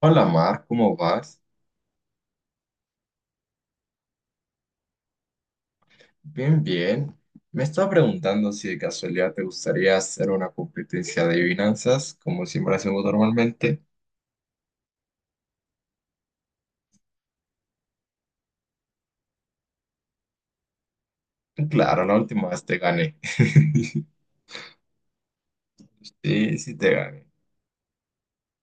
Hola Mar, ¿cómo vas? Bien, bien. Me estaba preguntando si de casualidad te gustaría hacer una competencia de adivinanzas, como siempre hacemos normalmente. Claro, la última vez te gané. Sí, sí te gané.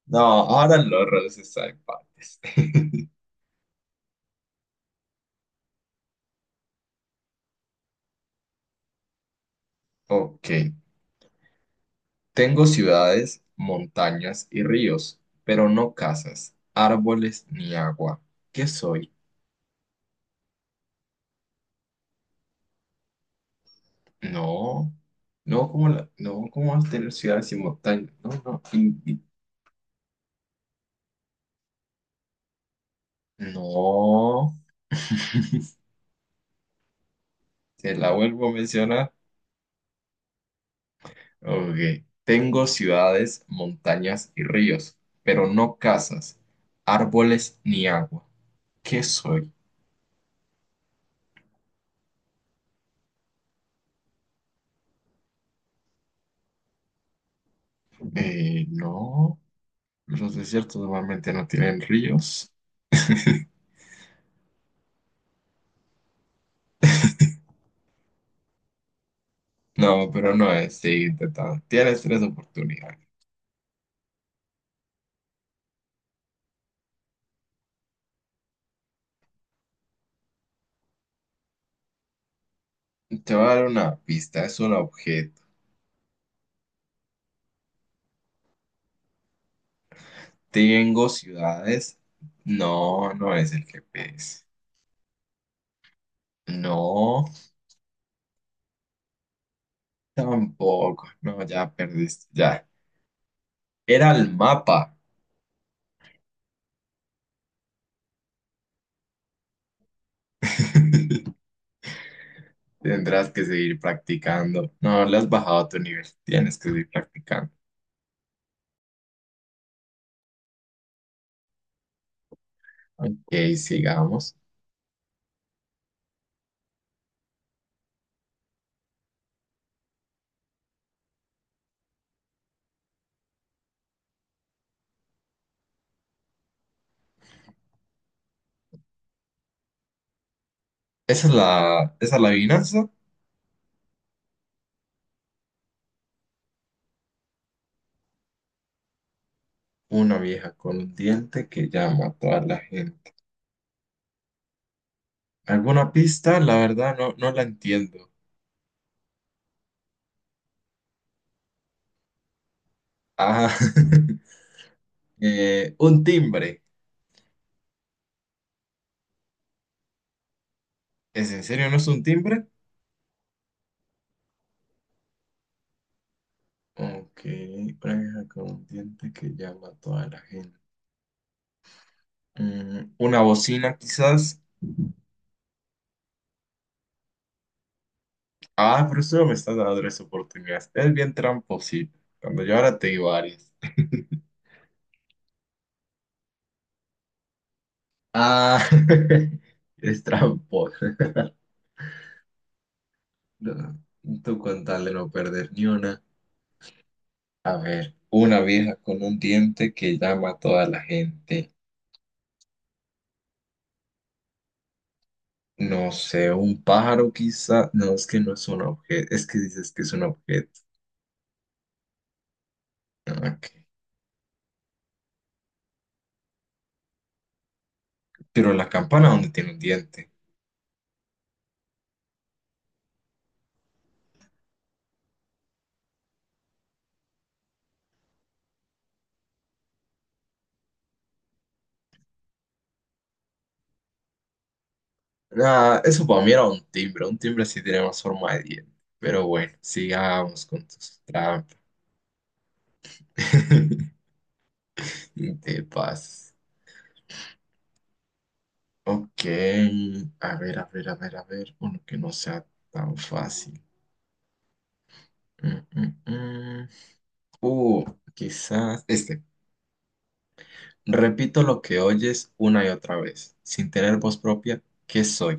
No, ahora los roles están en partes. Ok. Tengo ciudades, montañas y ríos, pero no casas, árboles ni agua. ¿Qué soy? No. No, como la- no, ¿cómo vas a tener ciudades y montañas? No, no. in- No, te la vuelvo a mencionar. Ok. Tengo ciudades, montañas y ríos, pero no casas, árboles ni agua. ¿Qué soy? No. Los desiertos normalmente no tienen ríos. No, pero no es. Sigue intentando. Tienes tres oportunidades. Te voy a dar una pista. Es un objeto. Tengo ciudades. No, no es el GPS. No, tampoco. No, ya perdiste. Ya. Era el mapa. Tendrás que seguir practicando. No, le has bajado a tu nivel. Tienes que seguir practicando. Ok, sigamos. Esa es la adivinanza. Una vieja con un diente que llama a toda la gente. ¿Alguna pista? La verdad no, no la entiendo. Ah, un timbre. ¿Es en serio? ¿No es un timbre? Ok, una vieja con un diente que llama a toda la gente. Mm, una bocina quizás. Ah, pero eso me estás dando tres oportunidades. Es bien tramposito. Cuando yo ahora te digo varias. Ah, es tramposo. No, tú con tal de no perder ni una. A ver, una vieja con un diente que llama a toda la gente. No sé, un pájaro quizá. No, es que no es un objeto. Es que dices que es un objeto. Ah, ok. Pero la campana, ¿dónde tiene un diente? Ah, eso para mí era un timbre. Un timbre sí tiene más forma de diente. Pero bueno, sigamos con tus trampas. Te pasas. Ok, a ver, a ver, a ver, a ver, uno que no sea tan fácil. Mm, mm, mm. Uh, quizás este. Repito lo que oyes una y otra vez, sin tener voz propia, ¿qué soy?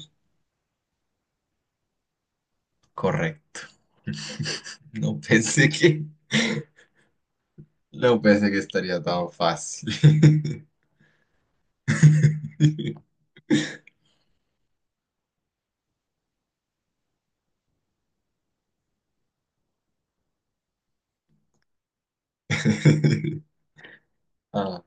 Correcto. No pensé que, no pensé que estaría tan fácil. Ah,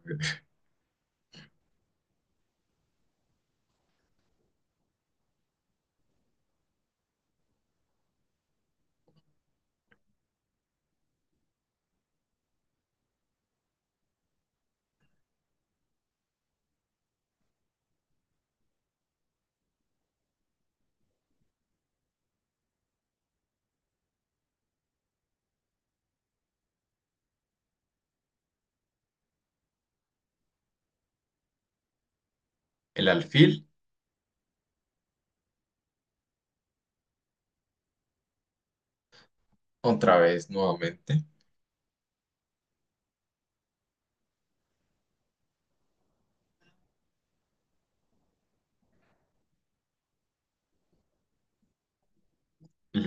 el alfil, otra vez, nuevamente.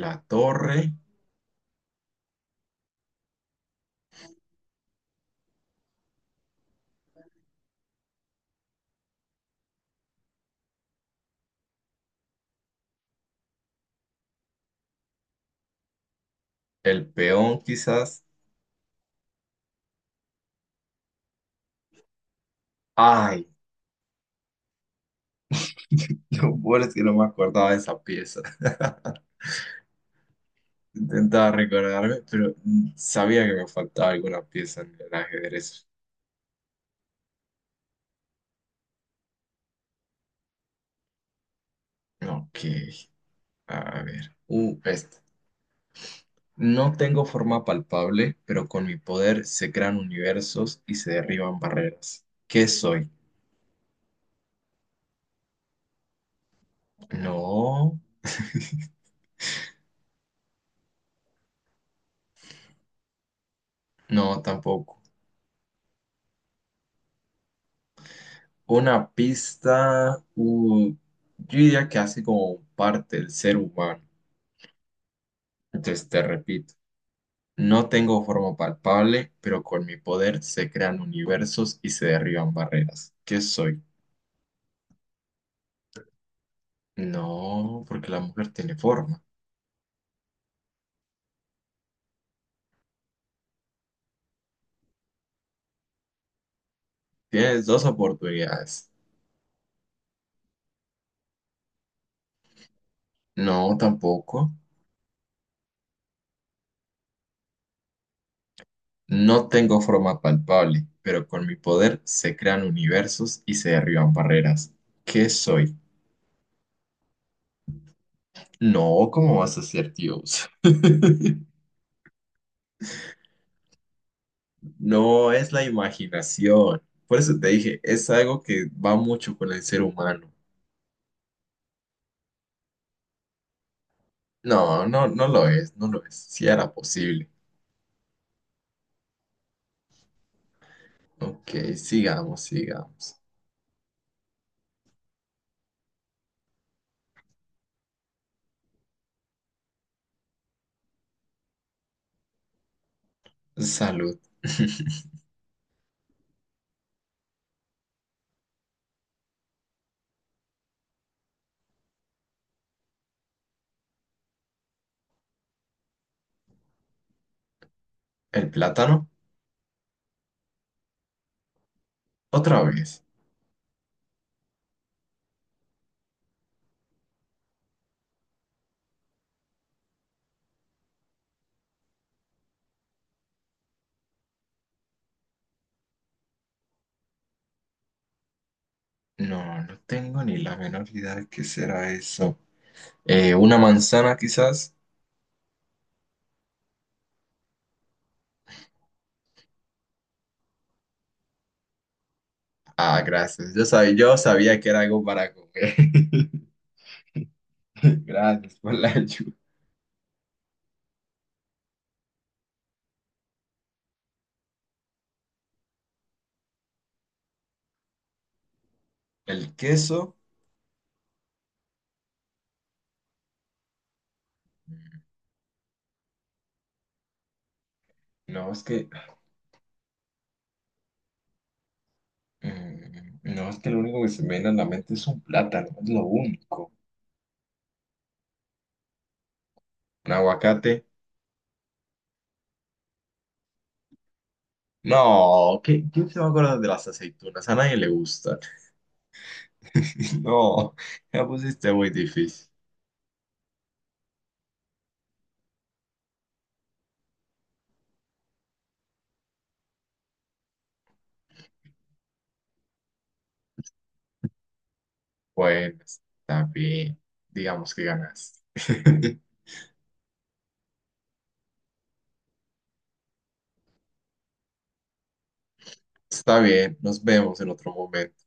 La torre. El peón quizás. Ay, lo peor es que no me acordaba de esa pieza. Intentaba recordarme, pero mm, sabía que me faltaba alguna pieza en el ajedrez. Ok, a ver. Esta. No tengo forma palpable, pero con mi poder se crean universos y se derriban barreras. ¿Qué soy? No, no, tampoco. Una pista, yo diría que hace como parte del ser humano. Entonces te repito. No tengo forma palpable, pero con mi poder se crean universos y se derriban barreras. ¿Qué soy? No, porque la mujer tiene forma. Tienes dos oportunidades. No, tampoco. No tengo forma palpable, pero con mi poder se crean universos y se derriban barreras. ¿Qué soy? No, ¿cómo vas a ser Dios? No, es la imaginación. Por eso te dije, es algo que va mucho con el ser humano. No, no, no lo es, no lo es. Si era posible. Ok, sigamos, sigamos. Salud. ¿El plátano? Otra vez. No, no tengo ni la menor idea de qué será eso. ¿Una manzana quizás? Ah, gracias. Yo sabía que era algo para comer. Gracias por la ayuda. ¿El queso? No, es que, mm, no, es que lo único que se me viene a la mente es un plátano, es lo único. ¿Un aguacate? No, ¿qué- ¿quién se va a acordar de las aceitunas? A nadie le gustan. No, ya pusiste muy difícil. Bueno, está bien. Digamos que ganaste. Está bien, nos vemos en otro momento.